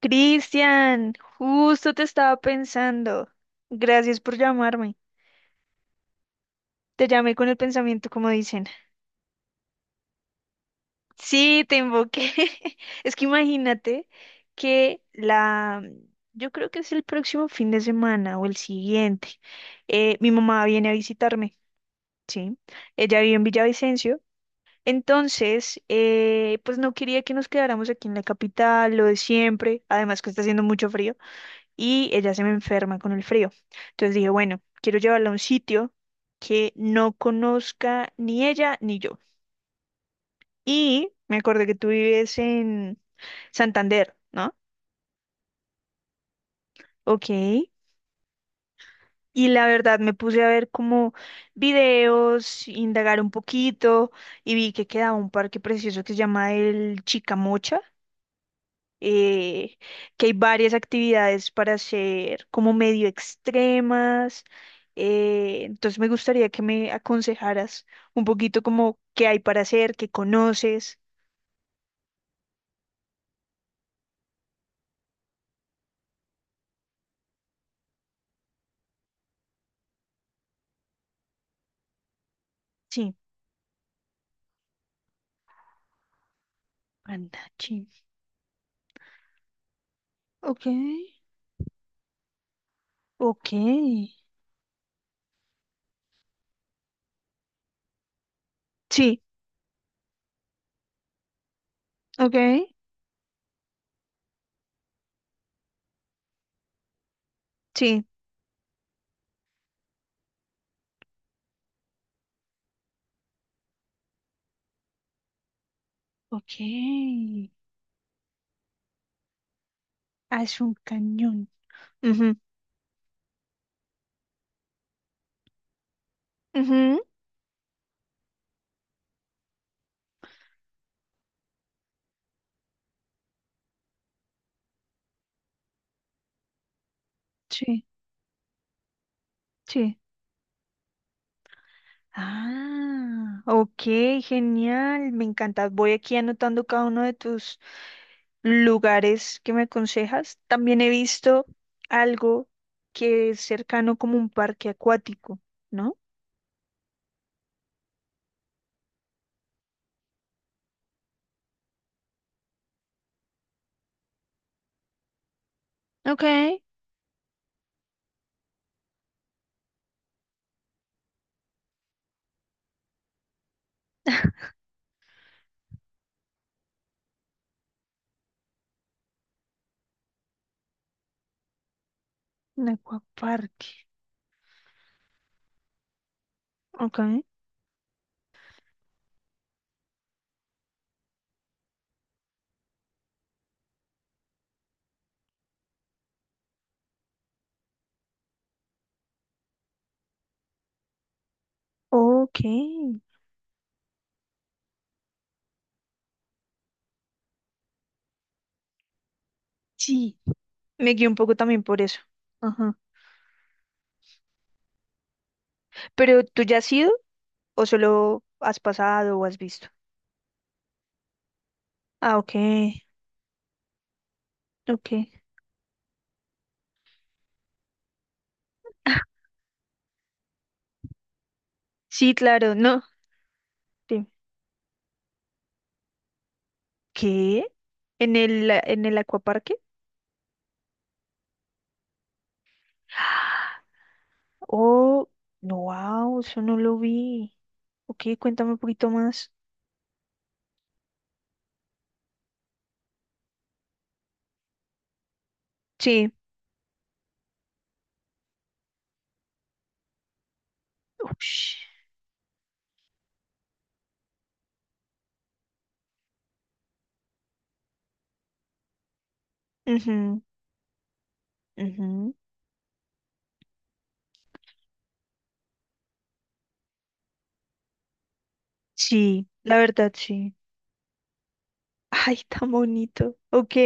Cristian, justo te estaba pensando. Gracias por llamarme. Te llamé con el pensamiento, como dicen. Sí, te invoqué. Es que imagínate que la, yo creo que es el próximo fin de semana o el siguiente. Mi mamá viene a visitarme, ¿sí? Ella vive en Villavicencio. Entonces, pues no quería que nos quedáramos aquí en la capital, lo de siempre, además que está haciendo mucho frío, y ella se me enferma con el frío. Entonces dije, bueno, quiero llevarla a un sitio que no conozca ni ella ni yo. Y me acordé que tú vives en Santander, ¿no? Ok. Y la verdad me puse a ver como videos, indagar un poquito y vi que quedaba un parque precioso que se llama el Chicamocha, eh, que hay varias actividades para hacer como medio extremas. Entonces me gustaría que me aconsejaras un poquito como qué hay para hacer, qué conoces. Sí, Andachi. Ok, ok. Sí, ok, sí. Ok. Ah, es un cañón. Ujú, ujú, sí, sí. Ah, ok, genial, me encanta. Voy aquí anotando cada uno de tus lugares que me aconsejas. También he visto algo que es cercano como un parque acuático, ¿no? Ok. Un acuaparque. Ok. Ok. Sí. Me guié un poco también por eso. Ajá. ¿Pero tú ya has ido o solo has pasado o has visto? Ah, ok. Ok. Ah, sí, claro, no. Dime. ¿Qué? ¿En en el acuaparque? Oh, no, wow, eso no lo vi. Ok, cuéntame un poquito más. Sí. Ush. Ujú, ujú. Sí, la verdad, sí. Ay, tan bonito. Ok.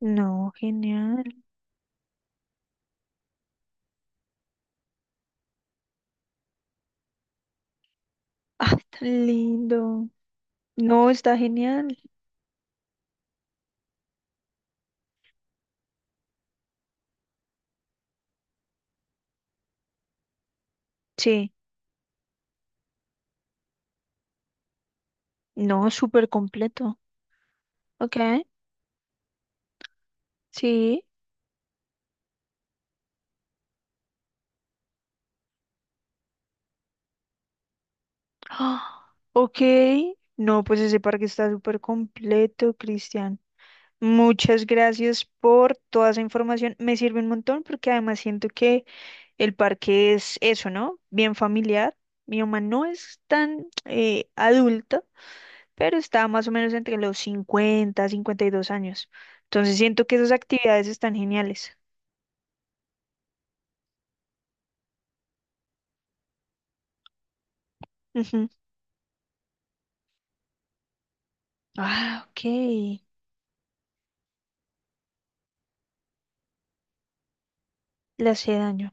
No, genial. Ay, tan lindo. No, está genial. Sí. No, súper completo. Ok. Sí. Ah, ok. No, pues ese parque está súper completo, Cristian. Muchas gracias por toda esa información. Me sirve un montón porque además siento que el parque es eso, ¿no? Bien familiar. Mi mamá no es tan adulta, pero está más o menos entre los 50, 52 años. Entonces siento que esas actividades están geniales. Ujú. Ah, ok. Le hace daño.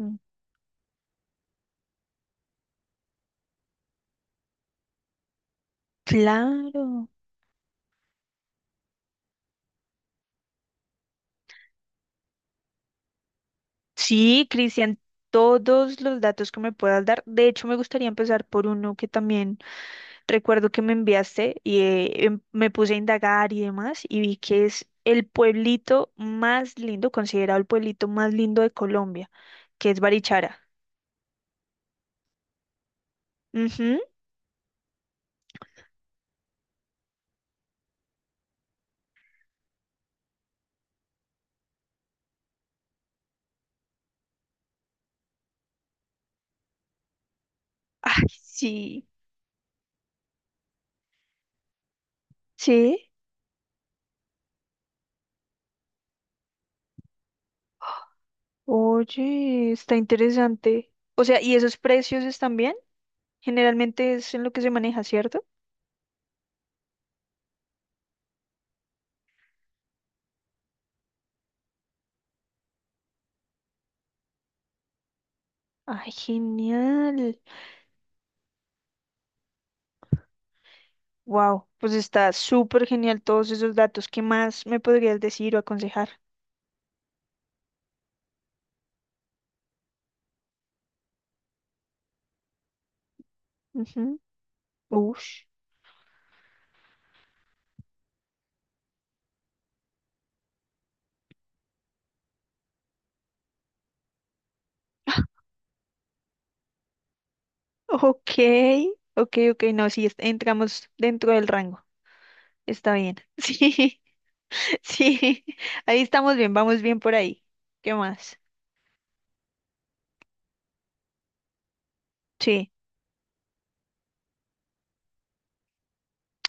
Mm, claro. Sí, Cristian, todos los datos que me puedas dar. De hecho, me gustaría empezar por uno que también recuerdo que me enviaste, y me puse a indagar y demás y vi que es el pueblito más lindo, considerado el pueblito más lindo de Colombia, que es Barichara. Ujú. Ay, sí, sí. Oye, está interesante. O sea, ¿y esos precios están bien? Generalmente es en lo que se maneja, ¿cierto? Ay, genial. Wow, pues está súper genial todos esos datos. ¿Qué más me podrías decir o aconsejar? Ujú. Ush. Ok, ok, ok, no, sí, entramos dentro del rango, está bien. Sí, sí, ahí estamos bien, vamos bien por ahí. ¿Qué más? Sí.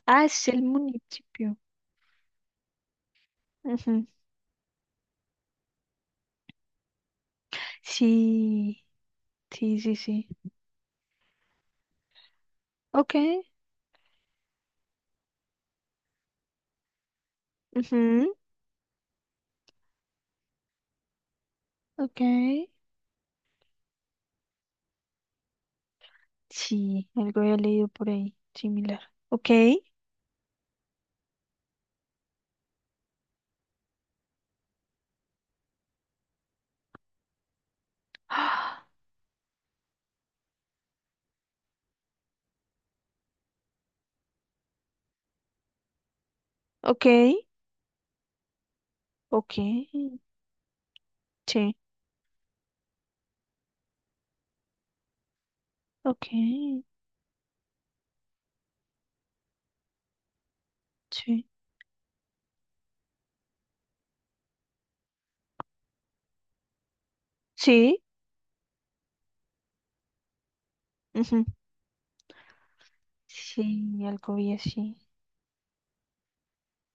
Ah, es el municipio. Ujú. Sí, sí, sí, sí. Ok, ujú, ok. Sí, algo había leído por ahí, similar. Ok, ah, ok, ok, sí, ok, sí, sí, ujú. Sí, algo vi así.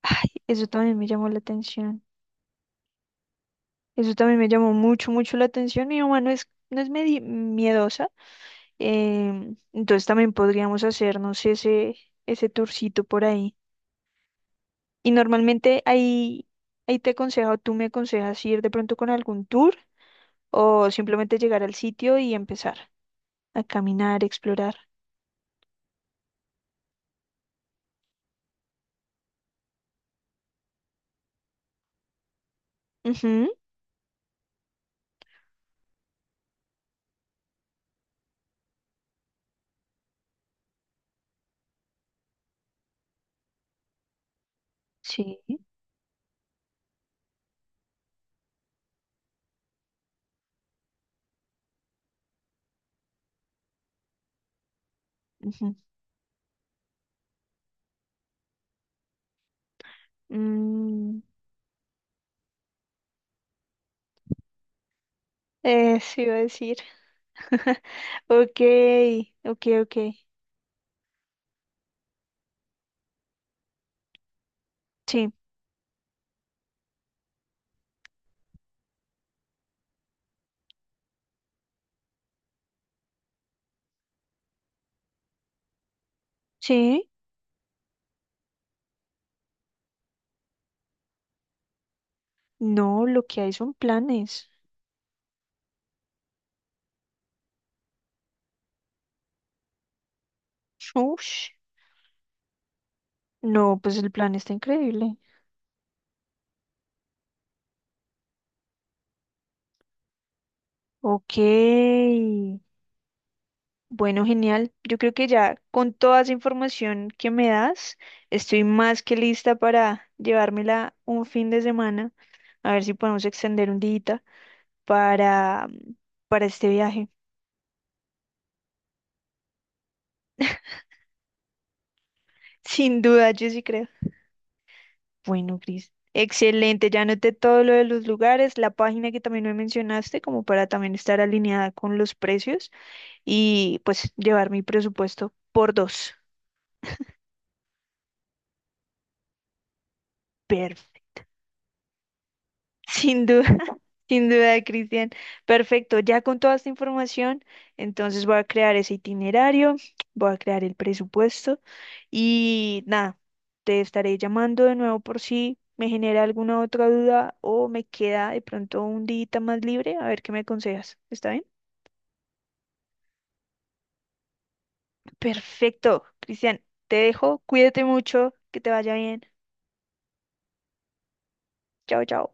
Ay, eso también me llamó la atención. Eso también me llamó mucho la atención. Mi mamá no es miedosa. Entonces también podríamos hacernos ese tourcito por ahí. Y normalmente ahí te aconsejo, tú me aconsejas ir de pronto con algún tour o simplemente llegar al sitio y empezar a caminar, explorar. Ujú, sí. Ujú. Mm, sí, iba a decir. Ok, ok, ok. Sí, sí. No, lo que hay son planes. Ush. No, pues el plan está increíble. Ok. Bueno, genial. Yo creo que ya con toda esa información que me das, estoy más que lista para llevármela un fin de semana. A ver si podemos extender un día para, para este viaje. Sin duda, yo sí creo. Bueno, Cris. Excelente, ya anoté todo lo de los lugares, la página que también me mencionaste, como para también estar alineada con los precios, y pues llevar mi presupuesto por dos. Pero sin duda, sin duda, Cristian. Perfecto, ya con toda esta información, entonces voy a crear ese itinerario, voy a crear el presupuesto y nada, te estaré llamando de nuevo por si me genera alguna otra duda o me queda de pronto un día más libre, a ver qué me aconsejas. ¿Está bien? Perfecto, Cristian, te dejo, cuídate mucho, que te vaya bien. Chao, chao.